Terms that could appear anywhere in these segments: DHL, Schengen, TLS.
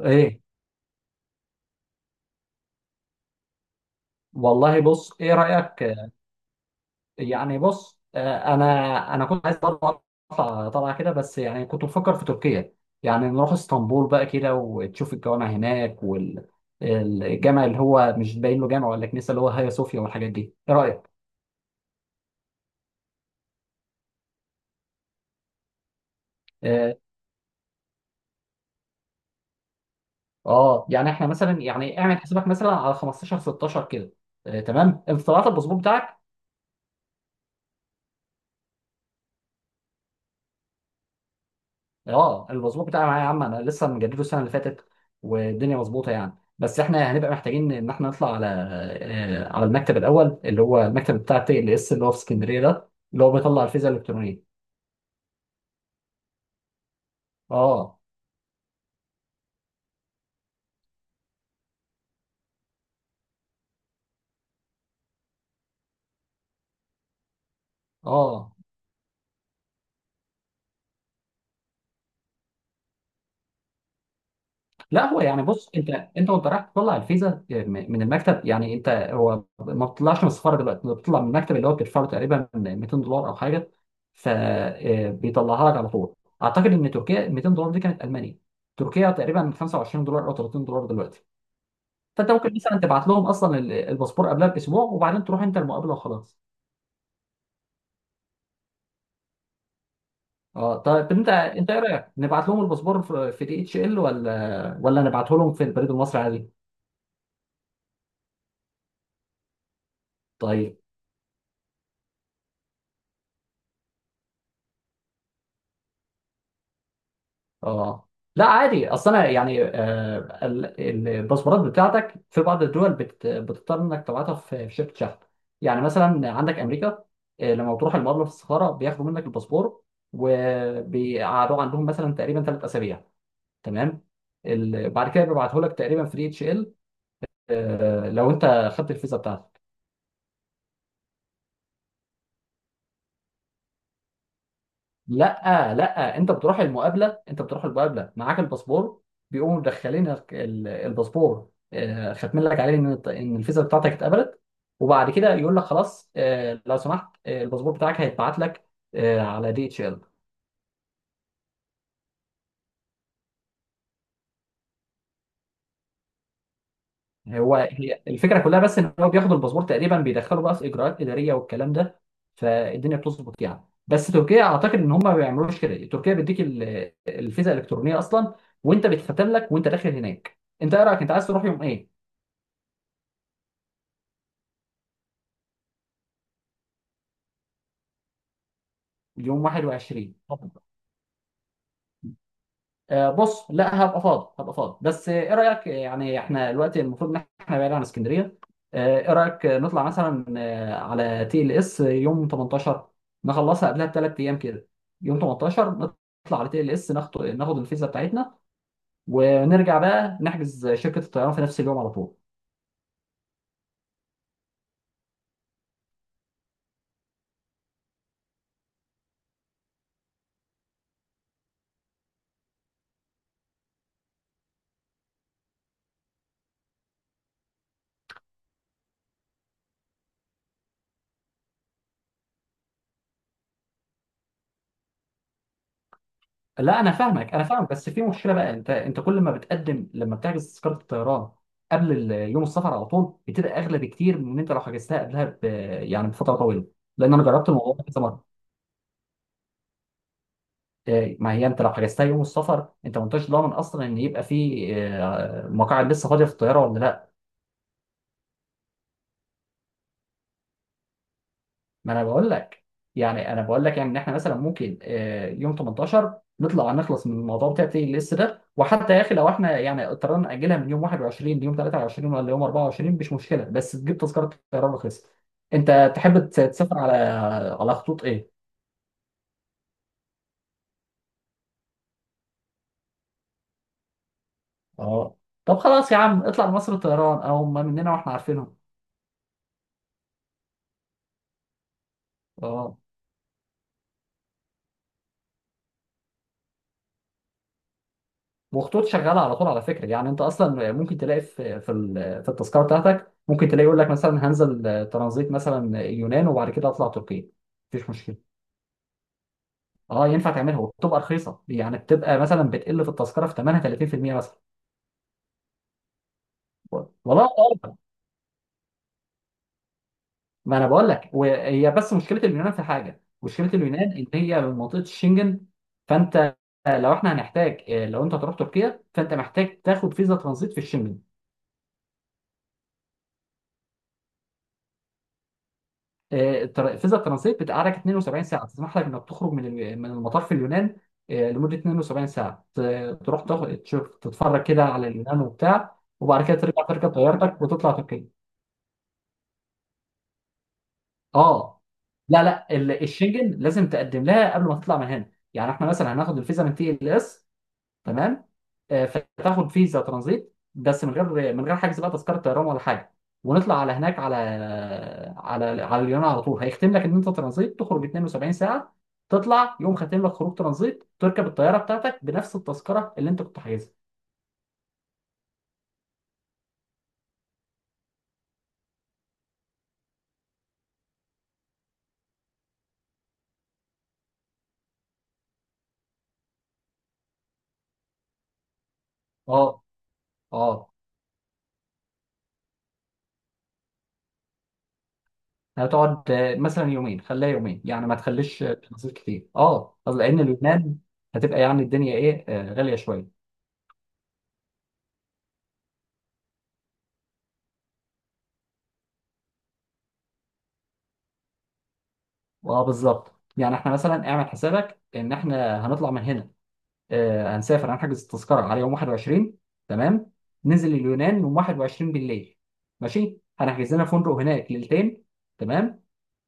ايه، والله بص، ايه رايك؟ يعني بص، انا كنت عايز برضه اطلع طلعه كده، بس يعني كنت بفكر في تركيا. يعني نروح اسطنبول بقى كده وتشوف الجوامع هناك، والجامع اللي هو مش باين له جامع ولا كنيسه اللي هو هيا صوفيا والحاجات دي. ايه رايك؟ اه. يعني احنا مثلا، يعني اعمل حسابك مثلا على 15 16 كده. تمام. انت طلعت الباسبور بتاعك؟ اه، المظبوط بتاعي معايا يا عم، انا لسه مجدده السنه اللي فاتت، والدنيا مظبوطه يعني. بس احنا يعني هنبقى محتاجين ان احنا نطلع على على المكتب الاول اللي هو المكتب بتاع تي ال اس اللي هو في اسكندريه، ده اللي هو بيطلع الفيزا الالكترونيه. اه. اه لا، هو يعني بص، انت وانت رايح تطلع الفيزا من المكتب، يعني انت هو ما بتطلعش من السفاره دلوقتي، انت بتطلع من المكتب اللي هو بتدفع له تقريبا 200 دولار او حاجه، فبيطلعها لك على طول. اعتقد ان تركيا 200 دولار دي كانت المانيا. تركيا تقريبا 25 دولار او 30 دولار دلوقتي. فانت ممكن مثلا تبعت لهم اصلا الباسبور قبلها باسبوع، وبعدين تروح انت المقابله وخلاص. اه طيب، انت ايه رايك؟ نبعت لهم الباسبور في دي اتش ال ولا نبعته لهم في البريد المصري عادي؟ طيب. اه لا عادي، اصل انا يعني آه، الباسبورات بتاعتك في بعض الدول بتضطر انك تبعتها في شركه شحن. يعني مثلا عندك امريكا، لما بتروح المقر في السفاره بياخدوا منك الباسبور، وبيقعدوه عندهم مثلا تقريبا ثلاث اسابيع. تمام. بعد كده بيبعته لك تقريبا فري اتش ال، لو انت خدت الفيزا بتاعتك. لا لا، انت بتروح المقابله، انت بتروح المقابله معاك الباسبور، بيقوموا مدخلين الباسبور، ختم لك عليه ان ان الفيزا بتاعتك اتقبلت. وبعد كده يقول لك خلاص، لو سمحت، الباسبور بتاعك هيتبعت لك على دي اتش ال. هو هي الفكره كلها بس ان هو بياخد الباسبور تقريبا، بيدخله بقى في اجراءات اداريه والكلام ده. فالدنيا بتظبط يعني. بس تركيا اعتقد ان هم ما بيعملوش كده، تركيا بيديك الفيزا الالكترونيه اصلا، وانت بيتختم لك وانت داخل هناك. انت ايه رايك؟ انت عايز تروح يوم ايه؟ يوم 21؟ بص، لا هبقى فاضي هبقى فاضي. بس ايه رايك؟ يعني احنا دلوقتي المفروض ان احنا بعيد عن اسكندريه. ايه رايك نطلع مثلا على تي ال اس يوم 18، نخلصها قبلها بثلاث ايام كده. يوم 18 نطلع على تي ال اس، ناخد ناخد الفيزا بتاعتنا، ونرجع بقى نحجز شركه الطيران في نفس اليوم على طول. لا انا فاهمك، انا فاهمك. بس في مشكله بقى، انت كل ما بتقدم لما بتحجز تذكره الطيران قبل يوم السفر على طول، بتبقى اغلى بكتير من انت لو حجزتها قبلها يعني بفتره طويله. لان انا جربت الموضوع ده كذا مره. إيه، ما هي انت لو حجزتها يوم السفر، انت ما انتش ضامن اصلا ان يبقى في مقاعد لسه فاضيه في الطياره ولا لا. ما انا بقول لك، يعني انا بقول لك يعني ان احنا مثلا ممكن يوم 18 نطلع نخلص من الموضوع بتاع تيجي لسه ده. وحتى يا اخي لو احنا يعني اضطرينا ناجلها من يوم 21 ليوم 23 ولا يوم 24 مش مشكله، بس تجيب تذكره طيران رخيصه. انت تحب تسافر على خطوط ايه؟ اه طب خلاص يا عم، اطلع لمصر الطيران، او ما مننا واحنا عارفينهم. اه. وخطوط شغاله على طول على فكره، يعني انت اصلا ممكن تلاقي في في التذكره بتاعتك، ممكن تلاقي يقول لك مثلا هنزل ترانزيت مثلا يونان وبعد كده اطلع تركيا. مفيش مشكله. اه ينفع تعملها، وبتبقى رخيصه، يعني بتبقى مثلا بتقل في التذكره في ثمنها 30% مثلا. والله أعلم. ما انا بقول لك، وهي بس مشكله اليونان في حاجه، مشكله اليونان ان هي من منطقه الشنجن. فانت لو احنا هنحتاج لو انت هتروح تركيا فانت محتاج تاخد فيزا ترانزيت في الشنجن. الفيزا الترانزيت بتقعدك 72 ساعه، تسمح لك انك تخرج من من المطار في اليونان لمده 72 ساعه، تروح تاخد تشوف تتفرج كده على اليونان وبتاع، وبعد كده ترجع تركب طيارتك وتطلع تركيا. اه لا لا، الشنجن لازم تقدم لها قبل ما تطلع من هنا. يعني احنا مثلا هناخد الفيزا من تي ال اس. تمام. فتاخد فيزا ترانزيت بس من غير حجز بقى تذكره طيران ولا حاجه، ونطلع على هناك على على اليونان. على طول هيختم لك ان انت ترانزيت تخرج 72 ساعه، تطلع يوم ختم لك خروج ترانزيت، تركب الطياره بتاعتك بنفس التذكره اللي انت كنت حاجزها. اه. اه هتقعد مثلا يومين، خليها يومين، يعني ما تخليش ترانزيت كتير، اه، لان اليونان هتبقى يعني الدنيا ايه غاليه شويه. اه بالظبط. يعني احنا مثلا اعمل حسابك ان احنا هنطلع من هنا هنسافر، هنحجز التذكره على يوم 21. تمام. ننزل اليونان يوم 21 بالليل، ماشي، هنحجز لنا فندق هناك ليلتين. تمام.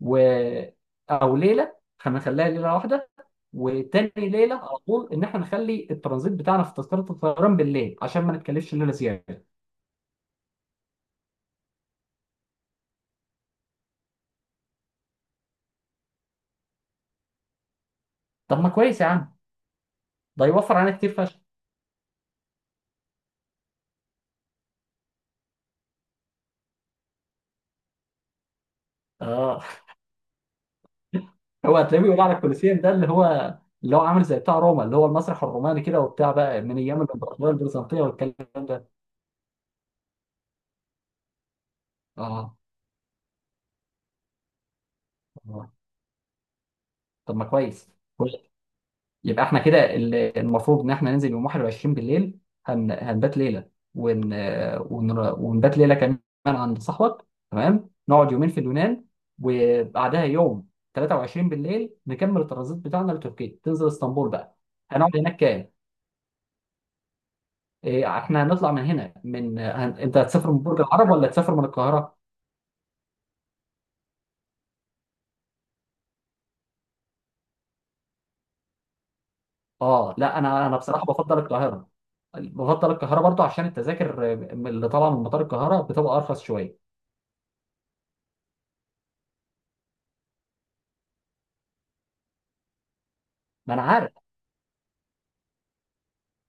و، او ليله، هنخليها ليله واحده. وتاني ليله على طول ان احنا نخلي الترانزيت بتاعنا في تذكره الطيران بالليل، عشان ما نتكلفش ليله زياده. طب ما كويس يا عم. ده يوفر علينا كتير فشخ. اه. هو هتلاقيه بيقول على الكولوسيوم ده اللي هو، اللي هو عامل زي بتاع روما اللي هو المسرح الروماني كده، وبتاع بقى من ايام الامبراطوريه البيزنطيه والكلام ده. اه. آه. طب ما كويس. كويس. يبقى احنا كده المفروض ان احنا ننزل يوم 21 بالليل، هنبات ليله، ون... ونبات ليله كمان عند صاحبك. تمام. نقعد يومين في اليونان، وبعدها يوم 23 بالليل نكمل الترانزيت بتاعنا لتركيا، تنزل اسطنبول بقى. هنقعد هناك كام؟ إيه، احنا هنطلع من هنا من انت هتسافر من برج العرب ولا هتسافر من القاهره؟ اه لا، انا بصراحه بفضل القاهره. بفضل القاهره برضو عشان التذاكر اللي طالعه من مطار القاهره بتبقى ارخص شويه. ما انا عارف.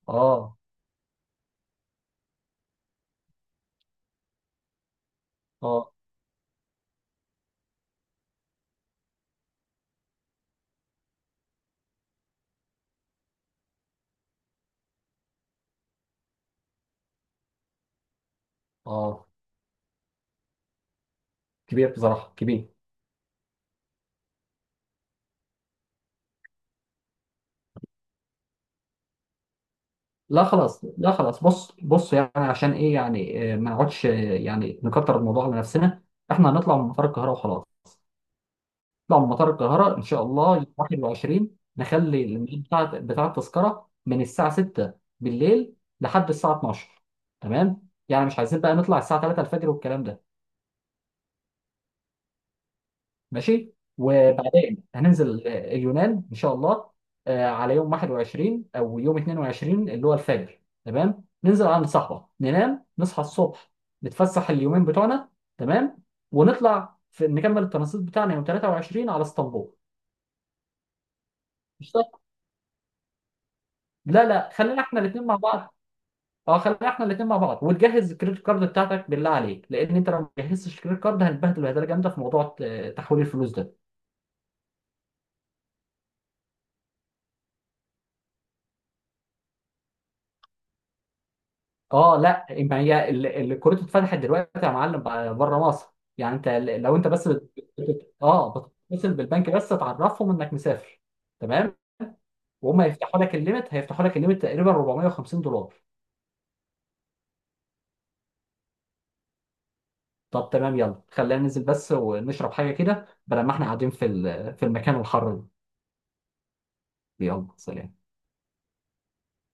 اه. اه. اه كبير بصراحه، كبير. لا خلاص لا خلاص، بص بص يعني عشان ايه يعني ما نقعدش يعني نكتر الموضوع على نفسنا. احنا هنطلع من مطار القاهره وخلاص. نطلع من مطار القاهره ان شاء الله يوم 21. نخلي الميعاد بتاع التذكره من الساعه 6 بالليل لحد الساعه 12. تمام، يعني مش عايزين بقى نطلع الساعه 3 الفجر والكلام ده. ماشي. وبعدين هننزل اليونان ان شاء الله على يوم 21 او يوم 22 اللي هو الفجر. تمام. ننزل على الصحراء ننام، نصحى الصبح، نتفسح اليومين بتوعنا. تمام. ونطلع في نكمل الترانزيت بتاعنا يوم 23 على اسطنبول. مش صح؟ لا لا، خلينا احنا الاثنين مع بعض. اه خلينا احنا الاثنين مع بعض. وتجهز الكريدت كارد بتاعتك بالله عليك، لان انت لو ما جهزتش الكريدت كارد هنتبهدل بهدله جامده في موضوع تحويل الفلوس ده. اه لا، ما هي كرة اتفتحت دلوقتي يا معلم، بره مصر. يعني انت لو انت بس اه بتتصل بالبنك بس تعرفهم انك مسافر. تمام. وهم هيفتحوا لك الليمت، هيفتحوا لك الليمت تقريبا 450 دولار. طب تمام، يلا خلينا ننزل بس ونشرب حاجة كده، بدل ما احنا قاعدين في في المكان الحر ده. يلا سلام.